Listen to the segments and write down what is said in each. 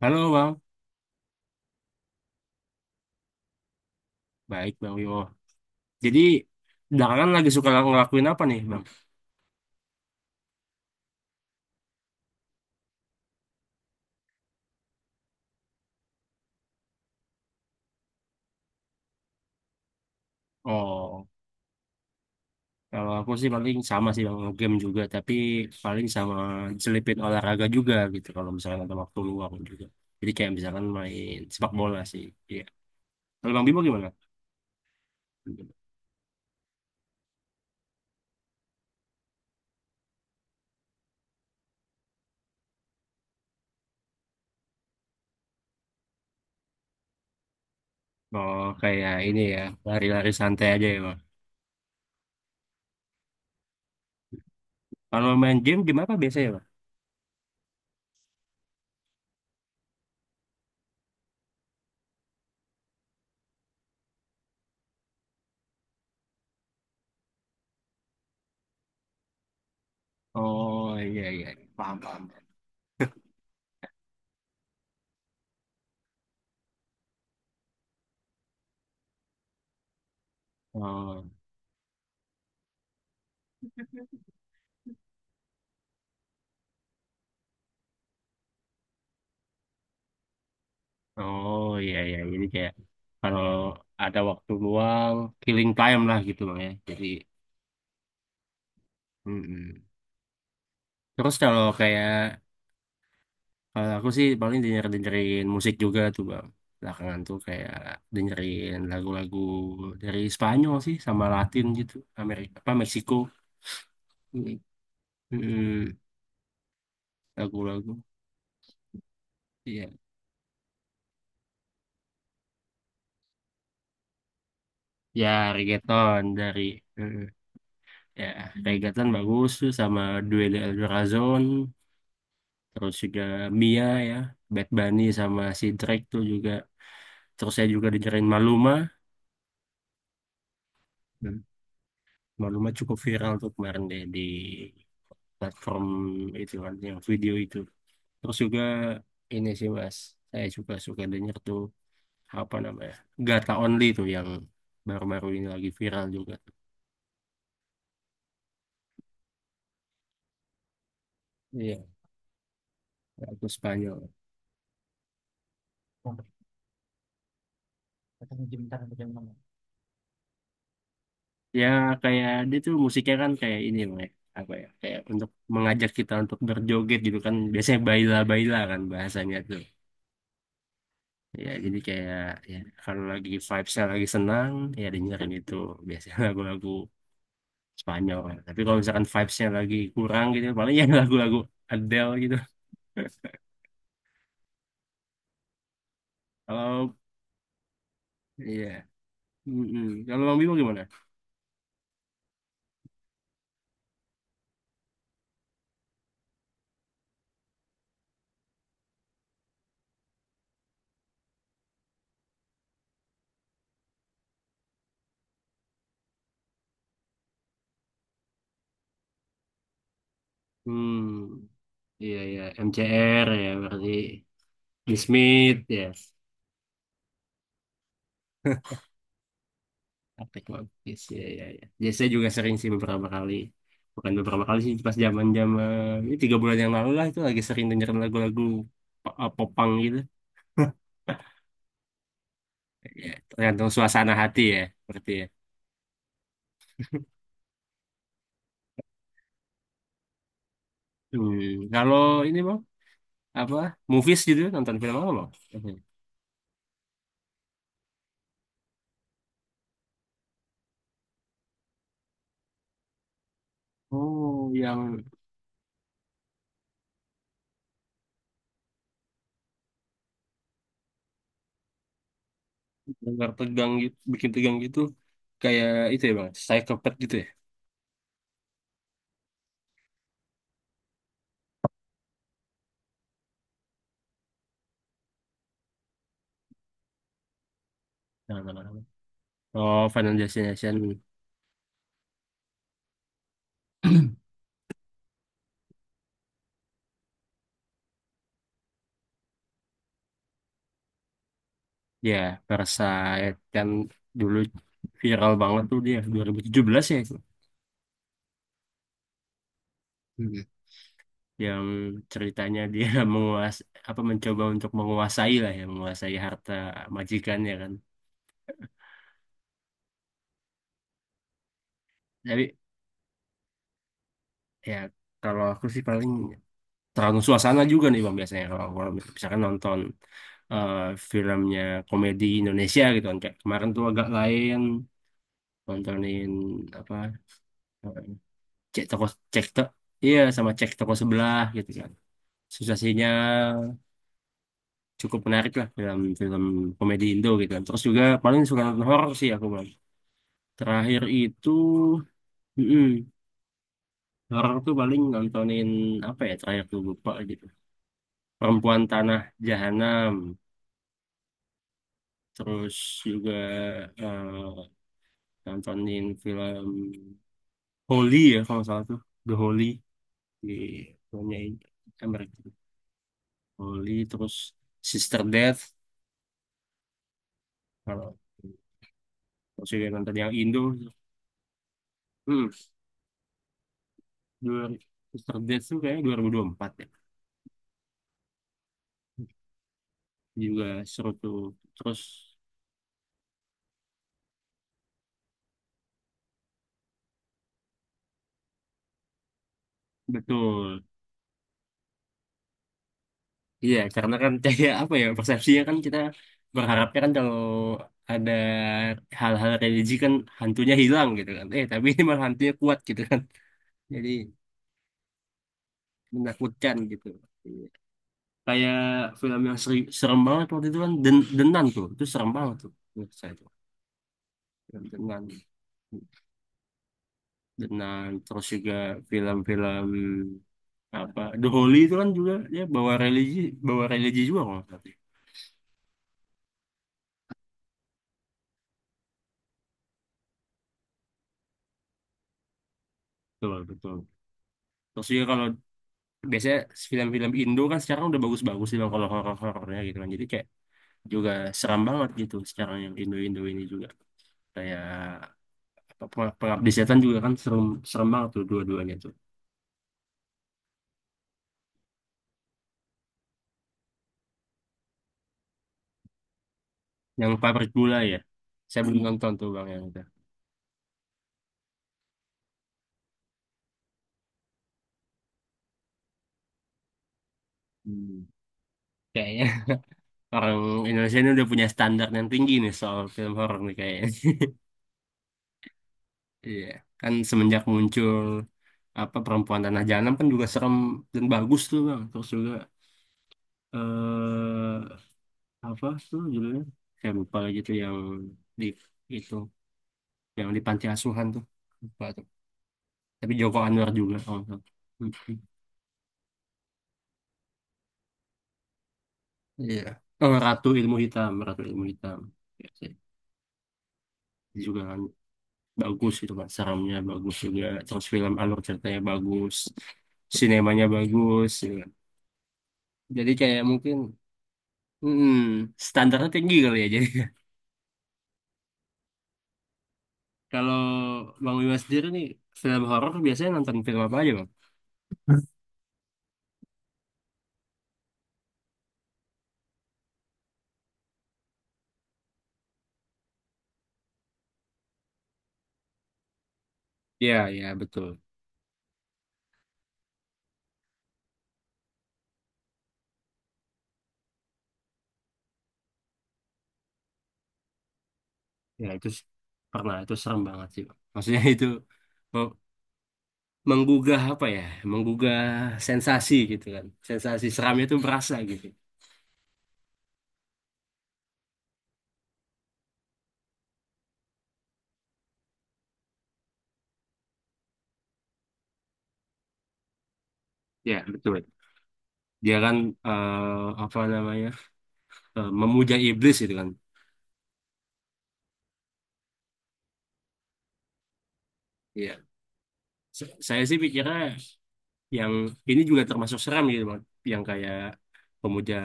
Halo Bang, baik Bang Yo. Jadi belakangan lagi suka ngelakuin apa nih Bang? Oh, kalau aku sih paling sama sih Bang, game juga, tapi paling sama selipin olahraga juga gitu, kalau misalkan ada waktu luang juga. Jadi kayak misalkan main sepak bola sih, iya. Kalau Bang Bimo gimana? Oh, kayak ini ya, lari-lari santai aja ya Bang. Kalau main game game gimana biasanya Bang? Oh, iya, iya, paham, paham. Oh. Oh iya iya jadi kayak kalau ada waktu luang killing time lah gitu bang ya. Jadi mm-mm. Terus kalau kayak kalau aku sih paling dengerin musik juga tuh bang. Belakangan tuh kayak dengerin lagu-lagu dari Spanyol sih sama Latin gitu Amerika apa Meksiko. Mm. Mm-mm. Lagu-lagu. Iya. Ya reggaeton dari mm, ya reggaeton bagus tuh sama Duel de El Corazon terus juga Mia ya Bad Bunny sama si Drake tuh juga, terus saya juga dengerin Maluma. Hmm. Maluma cukup viral tuh kemarin deh di platform itu kan, yang video itu. Terus juga ini sih mas, saya juga suka denger tuh apa namanya Gata Only tuh yang baru-baru ini lagi viral juga. Iya, lagu Spanyol. Ya kayak dia tuh musiknya kan kayak ini loh ya, apa ya, kayak untuk mengajak kita untuk berjoget gitu kan, biasanya baila baila kan bahasanya tuh. Ya jadi kayak ya, kalau lagi vibesnya lagi senang ya dengerin itu biasanya lagu-lagu Spanyol kan. Tapi kalau misalkan vibesnya lagi kurang gitu paling ya lagu-lagu Adele gitu. Kalau iya. Mm-mm. Kalau Bang Bimo gimana? Hmm, iya iya MCR ya berarti. The Smith ya. Praktek logis ya ya ya. Ya, saya juga sering sih beberapa kali. Bukan beberapa kali sih, pas zaman-zaman ini tiga bulan yang lalu lah itu lagi sering dengerin lagu-lagu popang gitu. Ya, tergantung suasana hati ya, berarti ya. Hmm, kalau ini bang, apa movies gitu, nonton film apa bang? Mhm. Oh, yang tegang tegang gitu, bikin tegang gitu kayak itu ya bang, Psychopath gitu ya. Nah, nah, nah. Oh, Final Destination. Ya, Parasite kan dulu viral banget tuh dia 2017 ya itu. Hmm. Yang ceritanya dia menguas apa mencoba untuk menguasai lah ya, menguasai harta majikannya kan. Tapi ya kalau aku sih paling tergantung suasana juga nih Bang, biasanya kalau kalau misalkan nonton eh, filmnya komedi Indonesia gitu kan, kayak kemarin tuh agak lain nontonin apa, eh, cek toko cek to iya sama cek toko sebelah gitu kan. Situasinya cukup menarik lah dalam film komedi Indo gitu kan. Terus juga paling suka nonton horor sih aku bang. Terakhir itu mm-mm, horor tuh paling nontonin apa ya, terakhir tuh lupa gitu. Perempuan Tanah Jahanam. Terus juga eh, nontonin film Holy ya kalau nggak salah tuh, The Holy di filmnya ini Amerika. Holy, terus Sister Death. Kalau terus juga nonton yang Indo. Hmm. Dua Mr. Beast tuh kayaknya 2024 ya, juga seru tuh terus. Betul, iya karena kan kayak apa ya, persepsinya kan kita berharapnya kan kalau ada hal-hal religi kan hantunya hilang gitu kan, eh tapi ini malah hantunya kuat gitu kan, jadi menakutkan gitu. Iya. Kayak film yang serem banget waktu itu kan Den Denan tuh, itu serem banget tuh menurut saya tuh. Film Denan Denan. Terus juga film-film apa The Holy itu kan juga ya bawa religi, bawa religi juga kalau nggak salah sih. Betul betul, terus juga kalau biasanya film-film Indo kan sekarang udah bagus-bagus sih Bang, kalau horor-horornya gitu kan jadi kayak juga seram banget gitu sekarang, yang Indo-Indo ini juga kayak apa Pengabdi Setan juga kan serem, serem banget tuh dua-duanya tuh. Yang Pabrik Gula ya, saya belum nonton tuh bang yang itu. Hmm. Kayaknya orang Indonesia ini udah punya standar yang tinggi nih soal film horor nih kayaknya. Iya, kan semenjak muncul apa perempuan tanah jahanam kan juga serem dan bagus tuh bang. Terus juga eh, apa tuh judulnya, saya lupa lagi tuh yang di itu, yang di panti asuhan tuh, lupa tuh, tapi Joko Anwar juga. Oh iya, oh Ratu Ilmu Hitam, Ratu Ilmu Hitam. Iya sih. Itu juga kan bagus itu kan, seramnya bagus juga, terus film alur ceritanya bagus, sinemanya bagus gitu kan. Jadi kayak mungkin hmm, standarnya tinggi kali ya jadi. Kalau Bang Wimas sendiri nih, film horor biasanya nonton film apa aja, Bang? Iya, iya, betul. Ya, pernah. Itu serem banget sih, Bang. Maksudnya itu me- menggugah apa ya? Menggugah sensasi gitu kan. Sensasi seramnya itu berasa gitu. Ya, betul. Dia kan apa namanya? Memuja iblis gitu kan. Iya. Saya sih pikirnya yang ini juga termasuk seram gitu, Bang. Yang kayak pemuja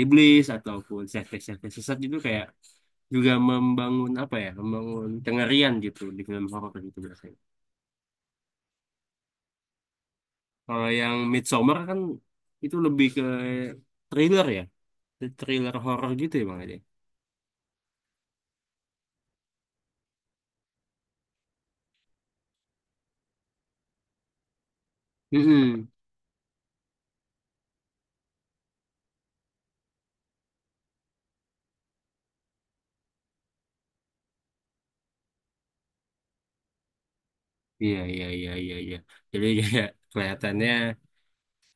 iblis ataupun sekte-sekte sesat itu kayak juga membangun apa ya, membangun kengerian gitu di film horor gitu biasanya. Kalau yang Midsommar kan itu lebih ke thriller ya, thriller horor gitu ya bang aja. Mm-mm. Iya iya iya iya iya, jadi kayak kelihatannya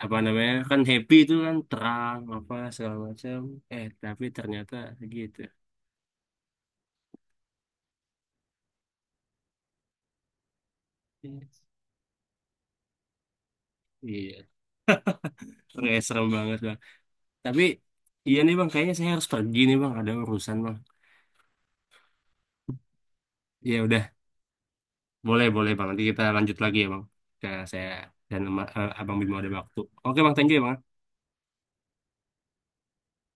apa namanya kan happy itu kan, terang apa segala macam, eh tapi ternyata gitu. Yes. Iya, kayak serem banget bang. Tapi iya nih bang, kayaknya saya harus pergi nih bang, ada urusan bang. Ya udah. Boleh, boleh Bang. Nanti kita lanjut lagi ya Bang. Ke saya dan Abang Bimo ada waktu. Oke Bang, thank you ya Bang. Ya.